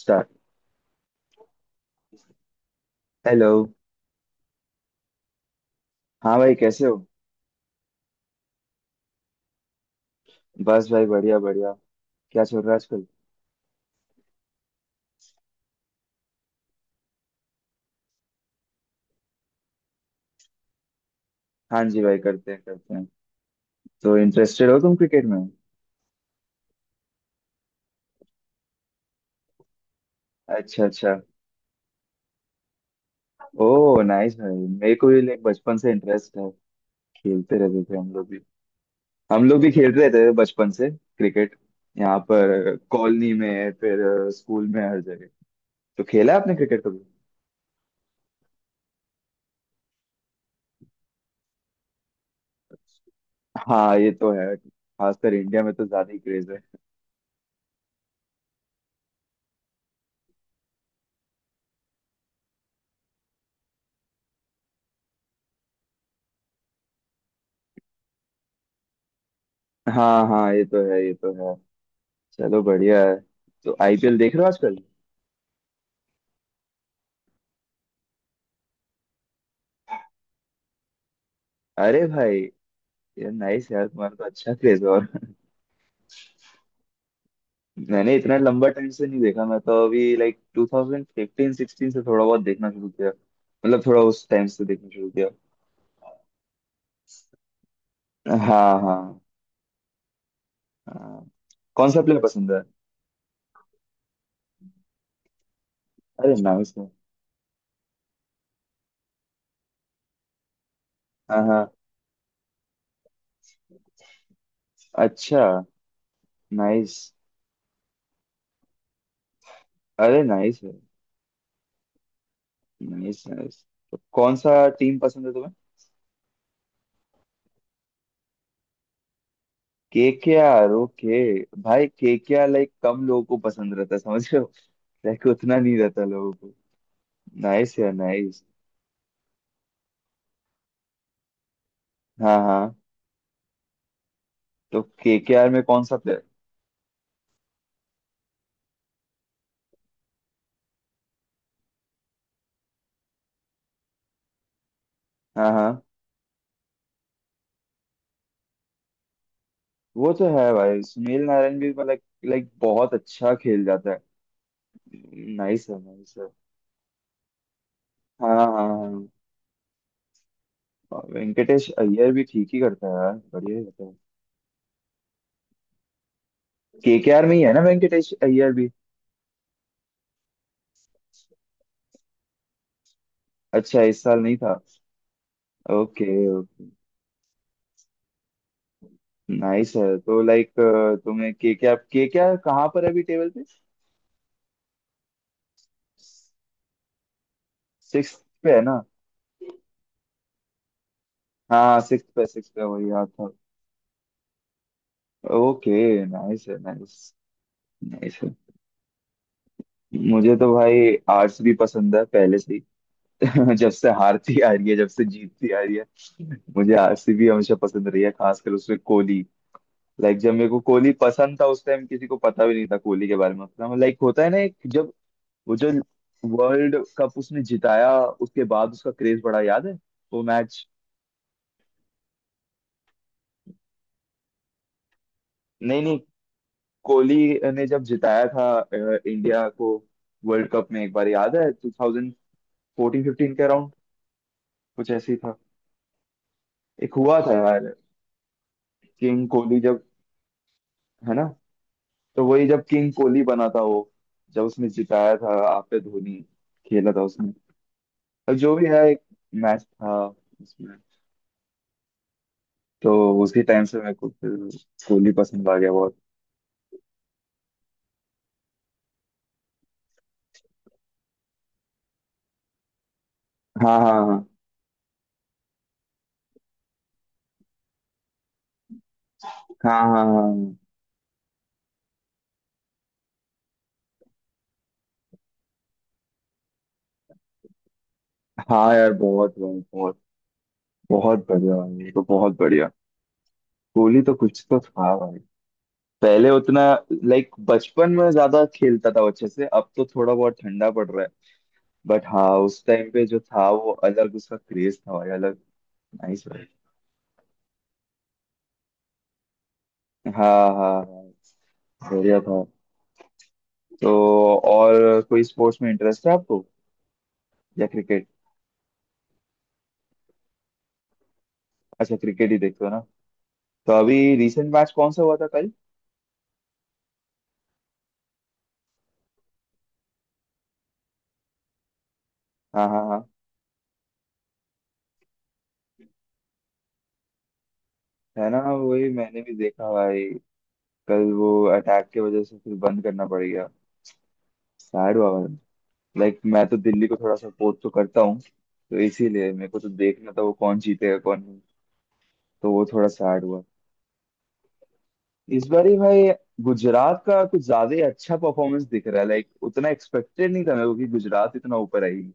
Start. Hello. हाँ भाई, कैसे हो? बस भाई, बढ़िया बढ़िया। क्या चल रहा है आजकल? हाँ जी भाई, करते हैं करते हैं। तो इंटरेस्टेड हो तुम क्रिकेट में? अच्छा अच्छा। ओ नाइस भाई, मेरे को भी like बचपन से इंटरेस्ट है। खेलते रहते थे हम लोग भी। हम लोग भी खेलते रहते थे बचपन से क्रिकेट, यहाँ पर कॉलोनी में, फिर स्कूल में, हर जगह। तो खेला है आपने क्रिकेट कभी? हाँ ये तो है, खासकर इंडिया में तो ज्यादा ही क्रेज है। हाँ हाँ, ये तो है ये तो है। चलो बढ़िया है। तो आईपीएल देख रहे हो आजकल? अरे भाई, यार नाइस यार, तुम्हारा तो अच्छा क्रेज। और मैंने इतना लंबा टाइम से नहीं देखा, मैं तो अभी लाइक 2015 16 से थोड़ा बहुत देखना शुरू किया। मतलब थोड़ा उस टाइम से देखना शुरू किया। हाँ हाँ हाँ। कौन सा प्लेयर पसंद है? अरे नाइस है। हाँ हाँ। अच्छा, नाइस। अरे नाइस है। Nice nice. तो कौन सा टीम पसंद है तुम्हें? KKR, okay. भाई केकेआर लाइक कम लोगों को पसंद रहता है, समझ रहे, रैक उतना नहीं रहता लोगों को। नाइस यार, नाइस। हाँ हाँ। तो केकेआर में कौन सा प्लेयर? हाँ हाँ, वो तो है भाई, सुनील नारायण भी मतलब लाइक बहुत अच्छा खेल जाता है। नाइस है, नाइस है। हाँ हाँ हाँ। हाँ। और वेंकटेश अय्यर भी ठीक ही करता है यार, बढ़िया ही करता है। केकेआर में ही है ना वेंकटेश अय्यर भी? अच्छा, इस साल नहीं था। ओके, नाइस है। तो लाइक तुम्हें केकेआर, केकेआर कहाँ पर है अभी टेबल पे? सिक्स पे है ना? हाँ सिक्स पे सिक्स पे, वही याद था। ओके नाइस है, नाइस। नाइस है। मुझे तो भाई आर्ट्स भी पसंद है पहले से ही। जब से हारती आ रही है, जब से जीतती आ रही है, मुझे आर्ट्स भी हमेशा पसंद रही है, खासकर उसमें कोहली। लाइक जब मेरे को कोहली पसंद था, उस टाइम किसी को पता भी नहीं था कोहली के बारे में उतना। लाइक होता है ना, एक जब वो जो वर्ल्ड कप उसने जिताया, उसके बाद उसका क्रेज बढ़ा। याद है वो मैच? नहीं नहीं, कोहली ने जब जिताया था इंडिया को, वर्ल्ड कप में एक बार। याद है टू फोर्टीन फिफ्टीन के अराउंड कुछ ऐसे ही था? एक हुआ था यार, किंग कोहली, जब है ना, तो वही जब किंग कोहली बना था। वो जब उसने जिताया था आप पे, धोनी खेला था उसने। अब जो भी है, एक मैच था उसमें। तो उसके टाइम से मेरे को फिर कोहली पसंद आ गया बहुत। हाँ हाँ हाँ हाँ हाँ हाँ हाँ। हाँ यार, बहुत बहुत बहुत बहुत बढ़िया भाई, ये तो बहुत बढ़िया। कोहली तो कुछ तो था भाई। पहले उतना लाइक बचपन में ज्यादा खेलता था वो अच्छे से, अब तो थोड़ा बहुत ठंडा पड़ रहा है। बट हाँ, उस टाइम पे जो था वो अलग, उसका क्रेज था भाई अलग। नाइस भाई। हाँ हाँ हाँ, बढ़िया था। तो और कोई स्पोर्ट्स में इंटरेस्ट है आपको या क्रिकेट? अच्छा, क्रिकेट ही देखते हो ना। तो अभी रिसेंट मैच कौन सा हुआ था कल? हाँ हाँ हाँ, है ना, वही मैंने भी देखा भाई। कल वो अटैक की वजह से फिर बंद करना पड़ गया। सैड हुआ भाई। लाइक मैं तो दिल्ली को थोड़ा सपोर्ट तो करता हूँ, तो इसीलिए मेरे को तो देखना था वो कौन जीतेगा कौन नहीं। तो वो थोड़ा सैड हुआ इस बार ही भाई। गुजरात का कुछ ज्यादा ही अच्छा परफॉर्मेंस दिख रहा है, लाइक उतना एक्सपेक्टेड नहीं था मेरे को कि गुजरात इतना ऊपर आएगी।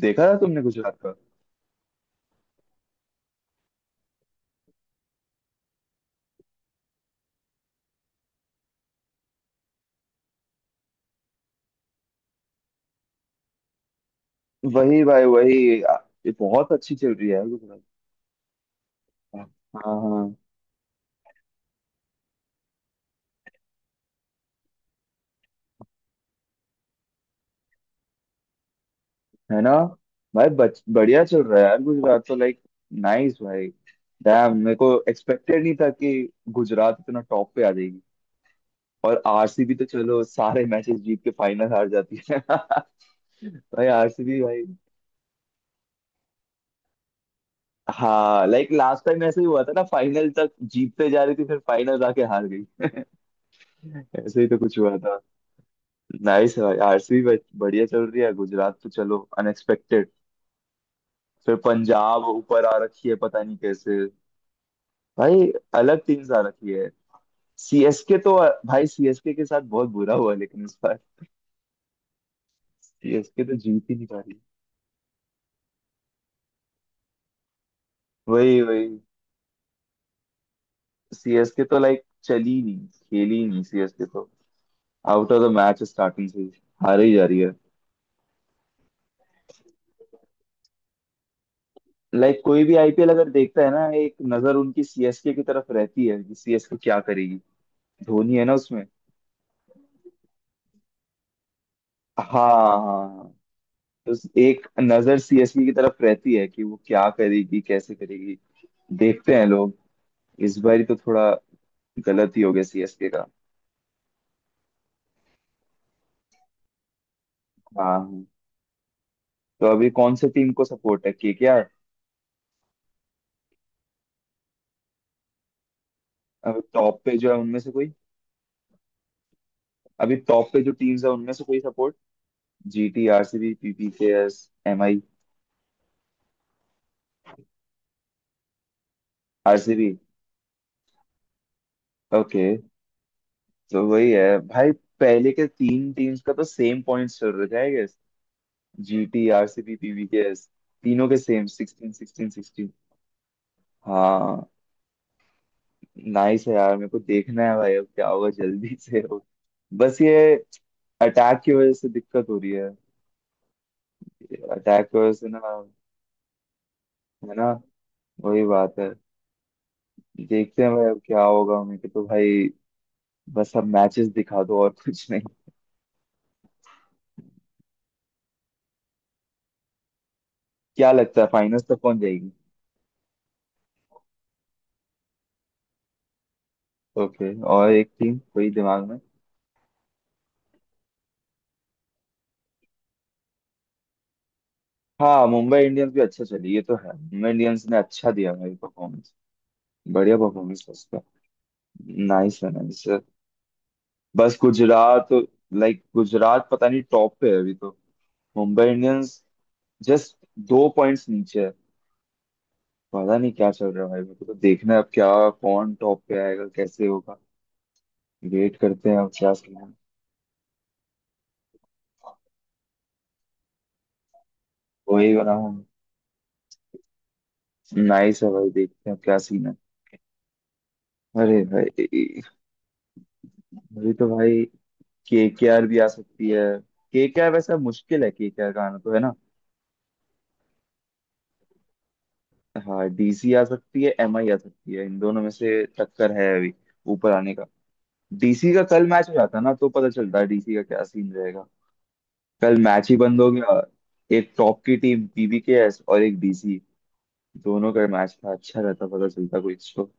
देखा था तुमने गुजरात का? वही भाई वही, ये बहुत अच्छी चल रही है यार गुजरात। हाँ हाँ, है ना भाई। बढ़िया चल रहा है यार गुजरात तो, लाइक नाइस भाई। डैम, मेरे को एक्सपेक्टेड नहीं था कि गुजरात इतना टॉप पे आ जाएगी। और आरसीबी तो चलो सारे मैचेस जीत के फाइनल हार जाती है। भाई आरसीबी भाई। हाँ लाइक लास्ट टाइम ऐसे ही हुआ था ना, फाइनल तक जीतते जा रही थी फिर फाइनल जाके हार गई। ऐसे ही तो कुछ हुआ था। नाइस भाई, आरसीबी बढ़िया चल रही है। गुजरात तो चलो अनएक्सपेक्टेड। फिर पंजाब ऊपर आ रखी है पता नहीं कैसे। भाई अलग टीम्स आ रखी है। सीएसके तो, भाई सीएसके के साथ बहुत बुरा हुआ लेकिन इस बार। सीएसके तो जीत ही नहीं पा रही। वही वही, सीएसके तो लाइक चली नहीं खेली नहीं, सीएसके तो out of the match starting से ही, हार ही जा रही है। लाइक कोई भी आईपीएल अगर देखता है ना, एक नजर उनकी सीएसके की तरफ रहती है कि सीएसके क्या करेगी, धोनी है ना उसमें। हाँ हाँ हाँ। तो एक नजर सीएसके की तरफ रहती है कि वो क्या करेगी कैसे करेगी, देखते हैं लोग। इस बार तो थोड़ा गलत ही हो गया सीएसके का। हाँ हाँ। तो अभी कौन से टीम को सपोर्ट है, केकेआर? अभी टॉप पे जो है उनमें से कोई? अभी टॉप पे जो टीम्स है उनमें से कोई support? GT, RCB, PPKS, MI? RCB, okay. तो वही है भाई। पहले के तीन टीम्स का तो सेम पॉइंट्स चल रहे थे I guess, GT RCB PVKS, तीनों के सेम 16 16 16। हाँ नाइस है यार, मेरे को देखना है भाई अब क्या होगा जल्दी। से हो बस ये अटैक की वजह से दिक्कत हो रही है। अटैक की वजह से ना, है ना, वही बात है। देखते हैं भाई अब क्या होगा। मेरे को तो भाई बस अब मैचेस दिखा दो, और कुछ नहीं। क्या लगता है फाइनल्स तक कौन जाएगी? ओके, और एक टीम कोई दिमाग? हाँ मुंबई इंडियंस भी अच्छा चली, ये तो है, मुंबई इंडियंस ने अच्छा दिया भाई परफॉर्मेंस। बढ़िया परफॉर्मेंस है उसका। नाइस है, नाइस है। बस गुजरात, लाइक गुजरात पता नहीं टॉप पे है अभी तो, मुंबई इंडियंस जस्ट दो पॉइंट्स नीचे है। पता नहीं क्या चल रहा है भाई, मेरे को तो देखना है अब क्या, कौन टॉप पे आएगा कैसे होगा। वेट करते हैं अब क्या सीन है। वही बना। नाइस है भाई, देखते हैं अब क्या सीन है। अरे भाई, अभी तो भाई केकेआर भी आ सकती है। केकेआर वैसा मुश्किल है, केकेआर का आना, तो है ना। हाँ डीसी आ सकती है, एमआई आ सकती है, इन दोनों में से टक्कर है अभी ऊपर आने का। डीसी का कल मैच हो जाता ना, तो पता चलता है डीसी का क्या सीन रहेगा। कल मैच ही बंद हो गया। एक टॉप की टीम पीबीकेएस और एक डीसी, दोनों का मैच था। अच्छा रहता, पता चलता कोई तो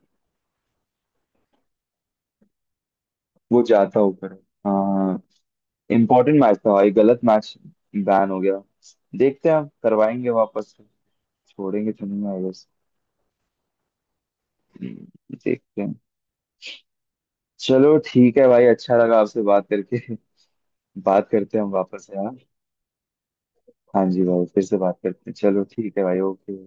वो जाता ऊपर। हाँ इम्पोर्टेंट मैच था, ये गलत मैच बैन हो गया। देखते हैं, करवाएंगे वापस, छोड़ेंगे तो नहीं आई। हम्म, देखते हैं। चलो ठीक है भाई, अच्छा लगा आपसे बात करके। बात करते हैं हम वापस यार। हाँ जी भाई, फिर से बात करते हैं, चलो ठीक है भाई, ओके।